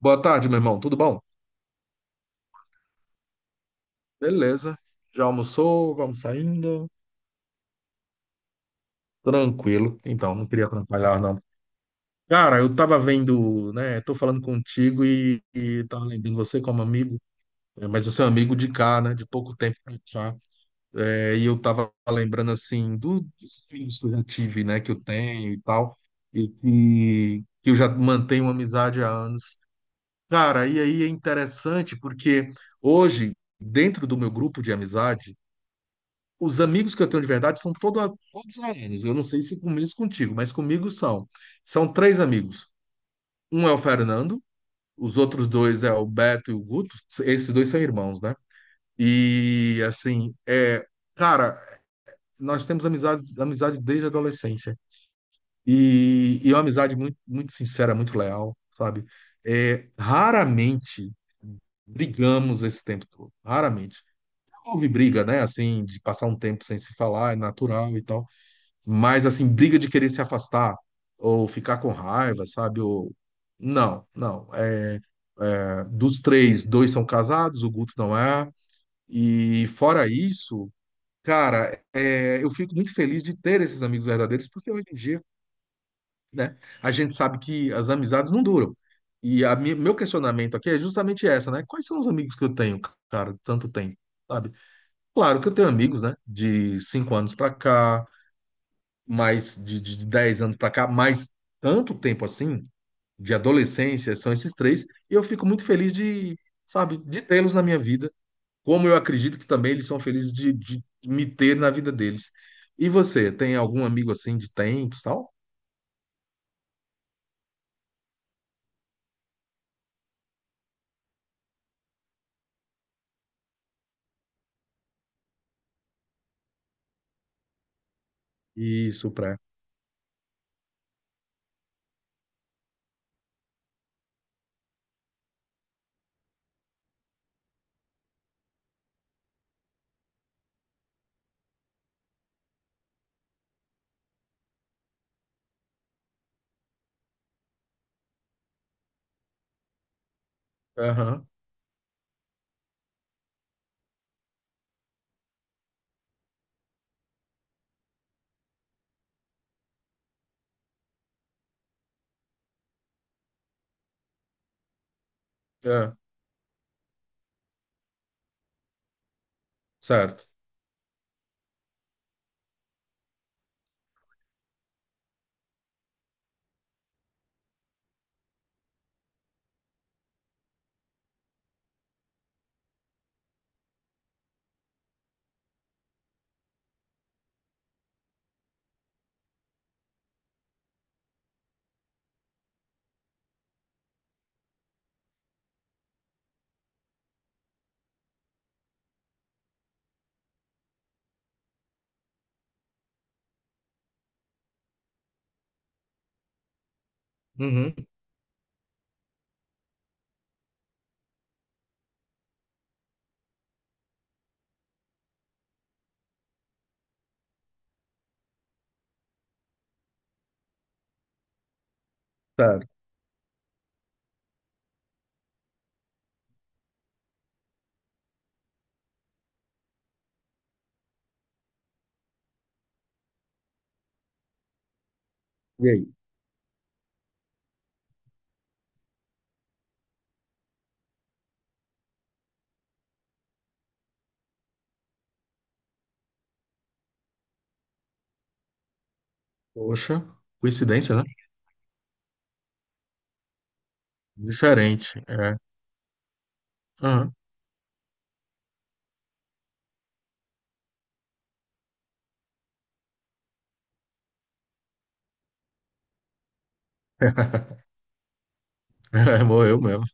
Boa tarde, meu irmão. Tudo bom? Beleza. Já almoçou? Vamos saindo? Tranquilo. Então, não queria atrapalhar, não. Cara, eu tava vendo, né? Tô falando contigo e tava lembrando você como amigo. Mas você é um amigo de cá, né? De pouco tempo pra cá. E eu tava lembrando, assim, dos amigos que eu já tive, né? Que eu tenho e tal. E que eu já mantenho uma amizade há anos. Cara, e aí é interessante porque hoje, dentro do meu grupo de amizades, os amigos que eu tenho de verdade são todos aéreos. Eu não sei se com isso contigo, mas comigo são. São três amigos. Um é o Fernando, os outros dois é o Beto e o Guto. Esses dois são irmãos, né? E assim, é, cara, nós temos amizade, amizade desde a adolescência. E é uma amizade muito, muito sincera, muito leal, sabe? É, raramente brigamos esse tempo todo. Raramente. Houve briga, né? Assim, de passar um tempo sem se falar, é natural e tal. Mas, assim, briga de querer se afastar ou ficar com raiva, sabe? Ou. Não, não. É, dos três, dois são casados, o Guto não é. E fora isso, cara, eu fico muito feliz de ter esses amigos verdadeiros, porque hoje em dia, né, a gente sabe que as amizades não duram. E meu questionamento aqui é justamente essa, né? Quais são os amigos que eu tenho, cara, tanto tempo, sabe? Claro que eu tenho amigos, né, de 5 anos pra cá, mais de 10 anos para cá, mais tanto tempo assim, de adolescência, são esses três, e eu fico muito feliz de, sabe, de tê-los na minha vida, como eu acredito que também eles são felizes de me ter na vida deles. E você, tem algum amigo assim de tempos, tal? Isso, pré. Aham, é, certo. Uhum, certo. E aí? Poxa, coincidência, né? Diferente, é. Aham. É, morreu mesmo.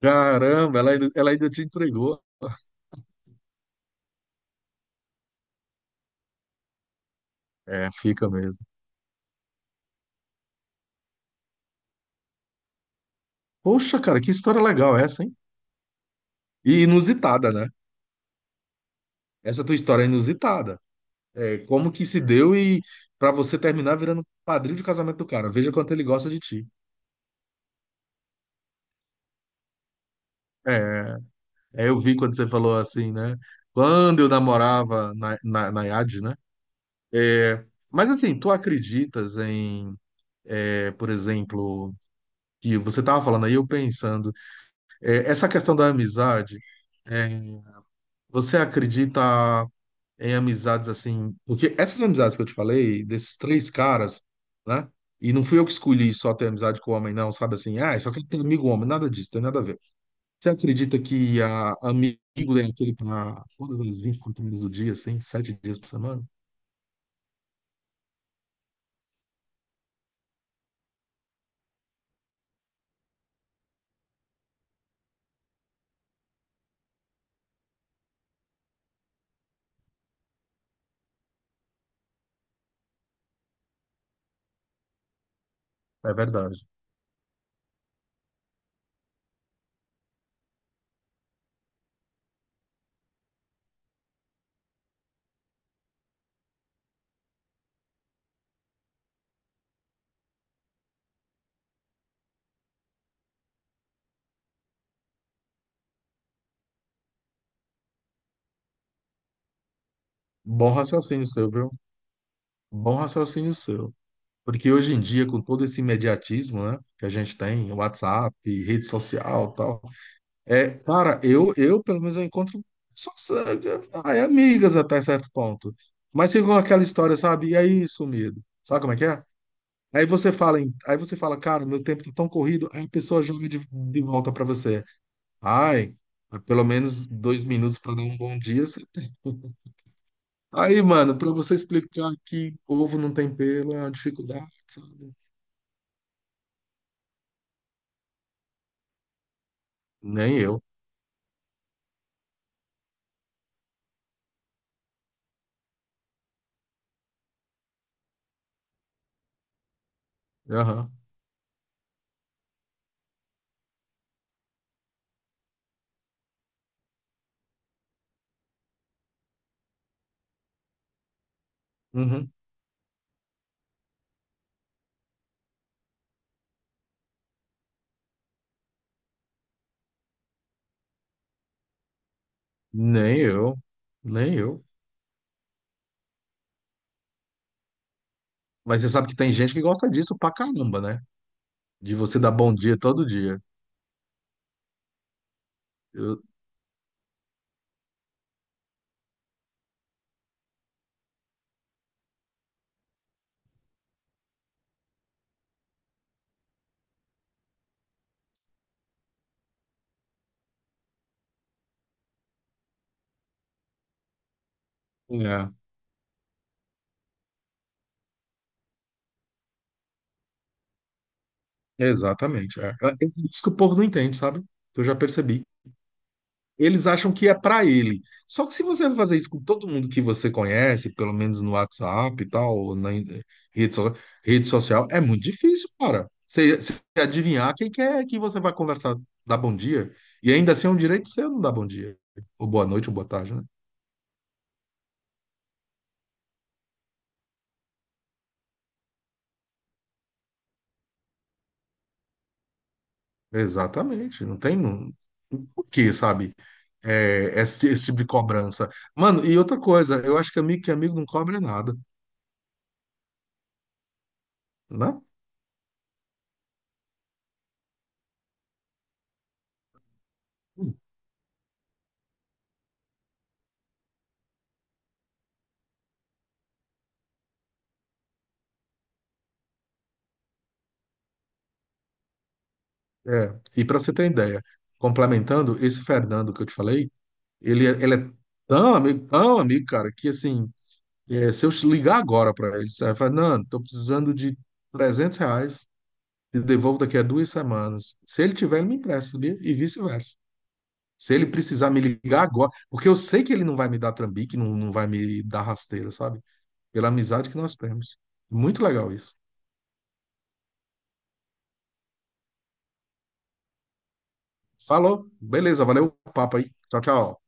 Caramba, ela ainda te entregou. É, fica mesmo. Poxa, cara, que história legal essa, hein? E inusitada, né? Essa tua história é inusitada. É, como que se deu e pra você terminar virando padrinho de casamento do cara. Veja quanto ele gosta de ti. É, é, eu vi quando você falou assim, né? Quando eu namorava na, na IAD, né? Mas assim, tu acreditas em, por exemplo, que você tava falando aí, eu pensando, essa questão da amizade, é, você acredita em amizades assim. Porque essas amizades que eu te falei, desses três caras, né? E não fui eu que escolhi só ter amizade com homem, não, sabe assim? Ah, só quero ter amigo homem, nada disso, tem nada a ver. Você acredita que amigo é aquele para todas as 24 horas do dia, assim, 7 dias por semana? É verdade. Bom raciocínio seu, viu? Bom raciocínio seu. Porque hoje em dia, com todo esse imediatismo, né, que a gente tem, WhatsApp, rede social, tal. Cara, eu pelo menos eu encontro só, só- ai, amigas até certo ponto. Mas ficam com aquela história, sabe? E aí, sumido. Sabe como é que é? Aí você fala, aí você fala, cara, meu tempo tá tão corrido, aí a pessoa joga de volta pra você. Ai, pelo menos 2 minutos pra dar um bom dia, você tem. Aí, mano, pra você explicar que ovo não tem pelo é uma dificuldade, sabe? Nem eu. Aham. Uhum. Nem eu. Nem eu. Mas você sabe que tem gente que gosta disso pra caramba, né? De você dar bom dia todo dia. Eu- É, exatamente. É. É, isso que o povo não entende, sabe? Eu já percebi. Eles acham que é pra ele. Só que se você fazer isso com todo mundo que você conhece, pelo menos no WhatsApp e tal, ou na rede, so- rede social, é muito difícil, cara. Você adivinhar quem que é que você vai conversar, dar bom dia. E ainda assim é um direito seu não dar bom dia. Ou boa noite, ou boa tarde, né? Exatamente. Não tem. Não. Por quê, sabe? É, esse tipo de cobrança. Mano, e outra coisa, eu acho que amigo não cobra nada, né? É. E para você ter ideia, complementando, esse Fernando que eu te falei, ele é tão amigo, cara, que assim, se eu ligar agora para ele, você vai falar, Fernando, tô precisando de 300 reais, te devolvo daqui a 2 semanas. Se ele tiver, ele me empresta, sabia? E vice-versa. Se ele precisar me ligar agora, porque eu sei que ele não vai me dar trambique, não, não vai me dar rasteira, sabe? Pela amizade que nós temos. Muito legal isso. Falou, beleza, valeu o papo aí. Tchau, tchau.